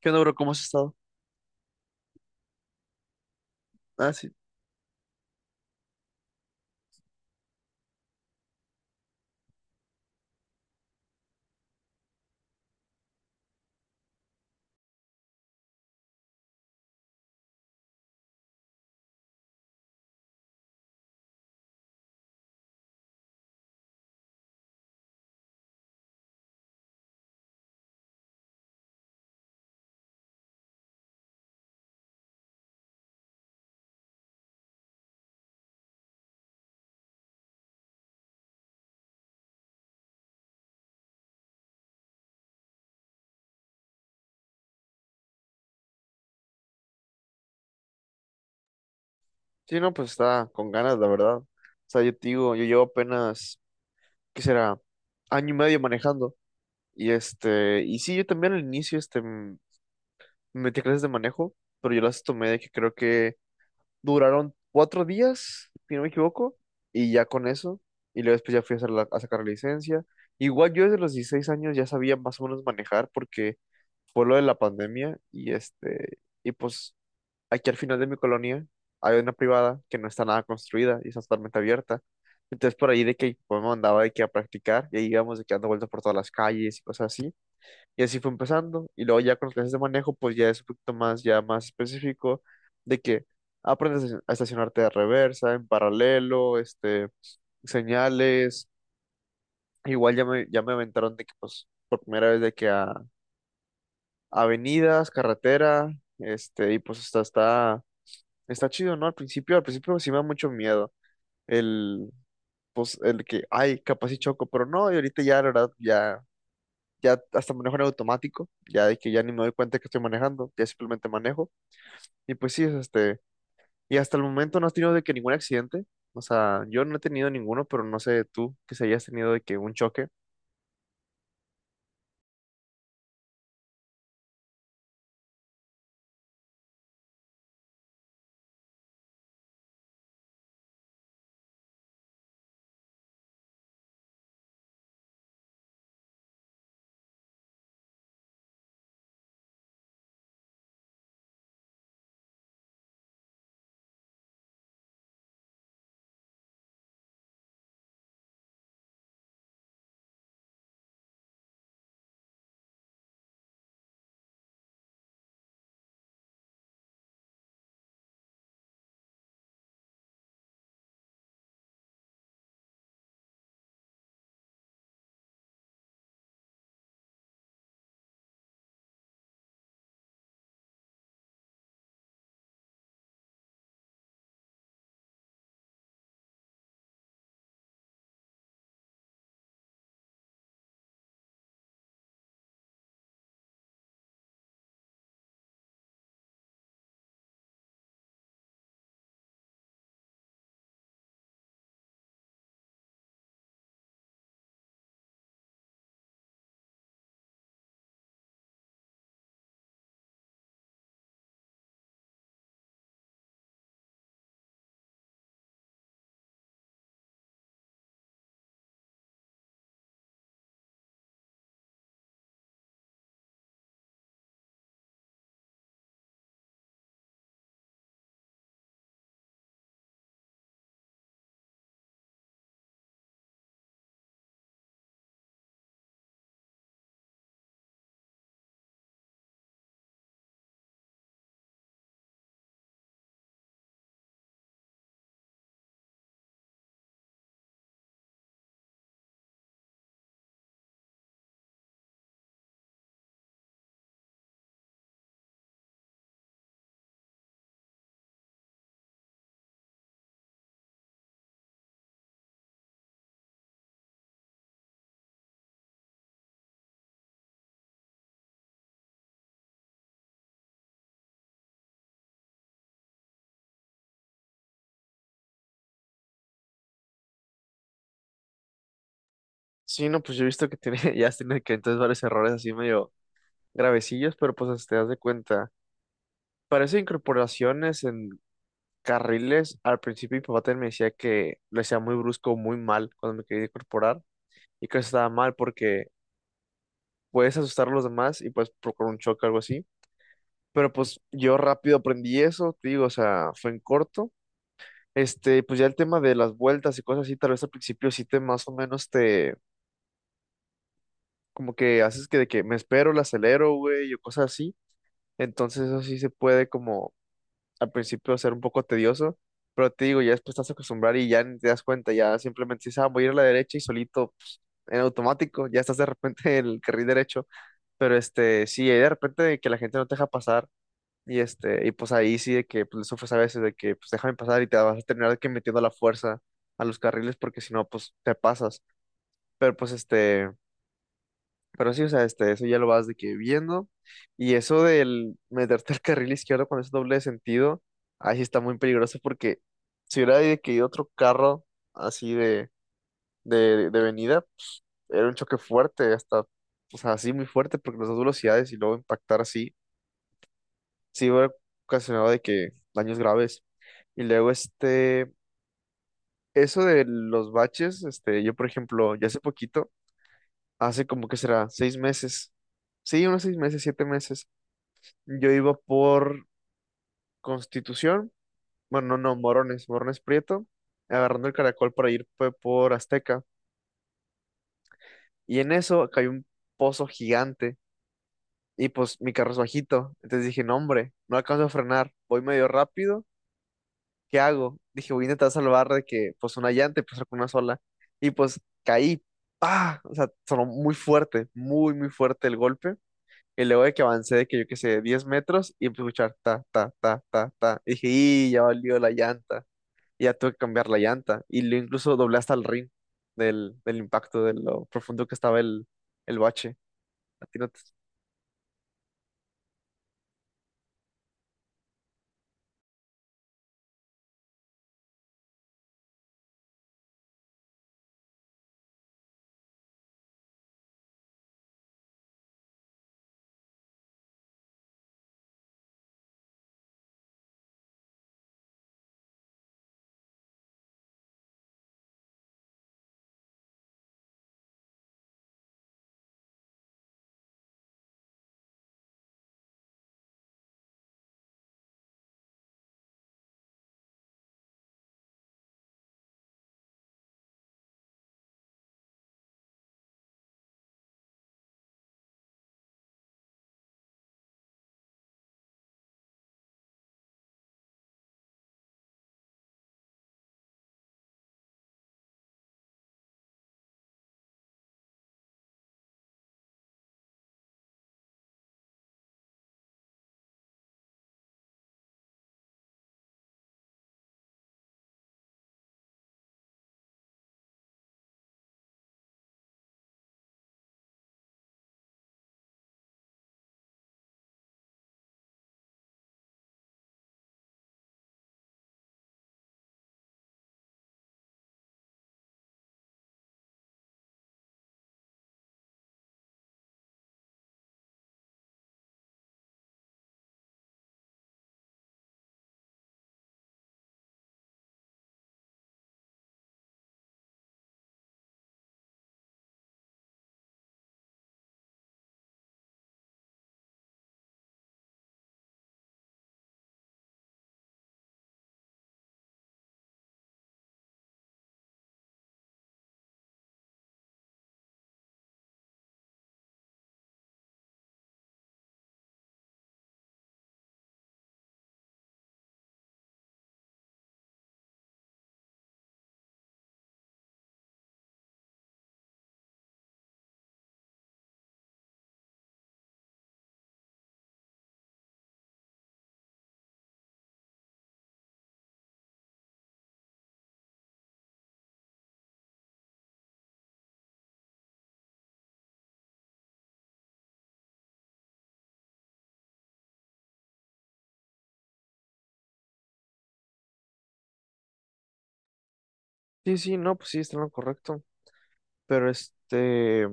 ¿Qué onda, bro? ¿Cómo has estado? Ah, sí. Sí, no, pues está con ganas, la verdad. O sea, yo te digo, yo llevo apenas, ¿qué será? Año y medio manejando. Y sí, yo también al inicio, me metí a clases de manejo, pero yo las tomé de que creo que duraron 4 días, si no me equivoco, y ya con eso. Y luego después ya fui a, a sacar la licencia. Igual yo desde los 16 años ya sabía más o menos manejar porque fue lo de la pandemia y y pues aquí al final de mi colonia hay una privada que no está nada construida y está totalmente abierta. Entonces por ahí de que pues, me mandaba de que a practicar y ahí íbamos de que dando vueltas por todas las calles y cosas así. Y así fue empezando. Y luego ya con las clases de manejo pues ya es un poquito más, ya más específico de que aprendes a a estacionarte de reversa, en paralelo, señales. Igual ya me aventaron de que pues por primera vez de que a avenidas, carretera, y pues hasta está. Está chido, ¿no? Al principio sí me da mucho miedo el, pues, el que, ay, capaz y choco, pero no, y ahorita ya, la verdad, ya, ya hasta manejo en automático, ya de que ya ni me doy cuenta que estoy manejando, ya simplemente manejo, y pues sí, es y hasta el momento no has tenido de que ningún accidente, o sea, yo no he tenido ninguno, pero no sé tú que si hayas tenido de que un choque. Sí, no, pues yo he visto que tiene, ya has tenido que entonces varios errores así medio gravecillos, pero pues te das de cuenta. Parece incorporaciones en carriles. Al principio mi papá también me decía que lo hacía muy brusco, muy mal cuando me quería incorporar y que eso estaba mal porque puedes asustar a los demás y puedes provocar un choque o algo así. Pero pues yo rápido aprendí eso, te digo, o sea, fue en corto. Pues ya el tema de las vueltas y cosas así, tal vez al principio sí te más o menos te, como que haces que de que me espero, la acelero, güey, o cosas así. Entonces eso sí se puede como al principio va a ser un poco tedioso, pero te digo, ya después te vas a acostumbrar y ya ni te das cuenta, ya simplemente dices, ah, voy a ir a la derecha y solito, en automático, ya estás de repente en el carril derecho, pero sí, hay de repente de que la gente no te deja pasar y y pues ahí sí de que pues, le sufres a veces de que pues déjame pasar y te vas a terminar de que metiendo la fuerza a los carriles porque si no, pues te pasas, pero pues. Pero sí, o sea, eso ya lo vas de que viendo. Y eso del meterte al carril izquierdo con ese doble de sentido, ahí sí está muy peligroso porque si hubiera de que ido otro carro así de venida, era un choque fuerte, hasta, o sea, así muy fuerte, porque las dos velocidades y luego impactar así, sí hubiera ocasionado de que daños graves. Y luego, eso de los baches, yo, por ejemplo, ya hace poquito, hace como que será 6 meses. Sí, unos 6 meses, 7 meses. Yo iba por Constitución, bueno, no, no, Morones, Morones Prieto, agarrando el caracol para ir por Azteca. Y en eso cayó un pozo gigante y pues mi carro es bajito. Entonces dije, no, hombre, no alcanzo a frenar, voy medio rápido, ¿qué hago? Dije, voy a intentar salvar de que pues una llanta y pues con una sola. Y pues caí, ah. O sea, sonó muy fuerte, muy, muy fuerte el golpe. Y luego de que avancé, de que yo qué sé, 10 metros y empecé a escuchar ta, ta, ta, ta, ta. Y dije, y ya valió la llanta. Y ya tuve que cambiar la llanta. Y lo incluso doblé hasta el rin del impacto, de lo profundo que estaba el bache. A ti no te- Sí, sí, no, pues sí, está en lo correcto. Pero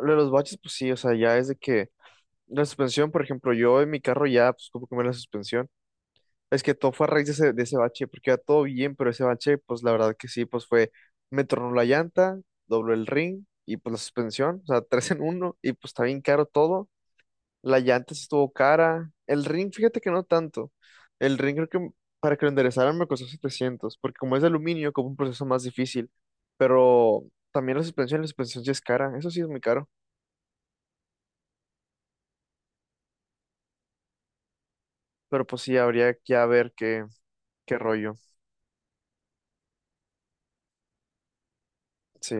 lo de los baches, pues sí, o sea, ya es de que la suspensión, por ejemplo, yo en mi carro ya, pues como cambié la suspensión. Es que todo fue a raíz de ese bache, porque iba todo bien, pero ese bache, pues la verdad que sí, pues fue, me tornó la llanta, dobló el ring y pues la suspensión, o sea, tres en uno, y pues está bien caro todo. La llanta sí estuvo cara. El ring, fíjate que no tanto. El ring creo que para que lo enderezaran me costó 700, porque como es de aluminio, como un proceso más difícil. Pero también la suspensión sí es cara. Eso sí es muy caro. Pero pues sí, habría que a ver qué, qué rollo. Sí.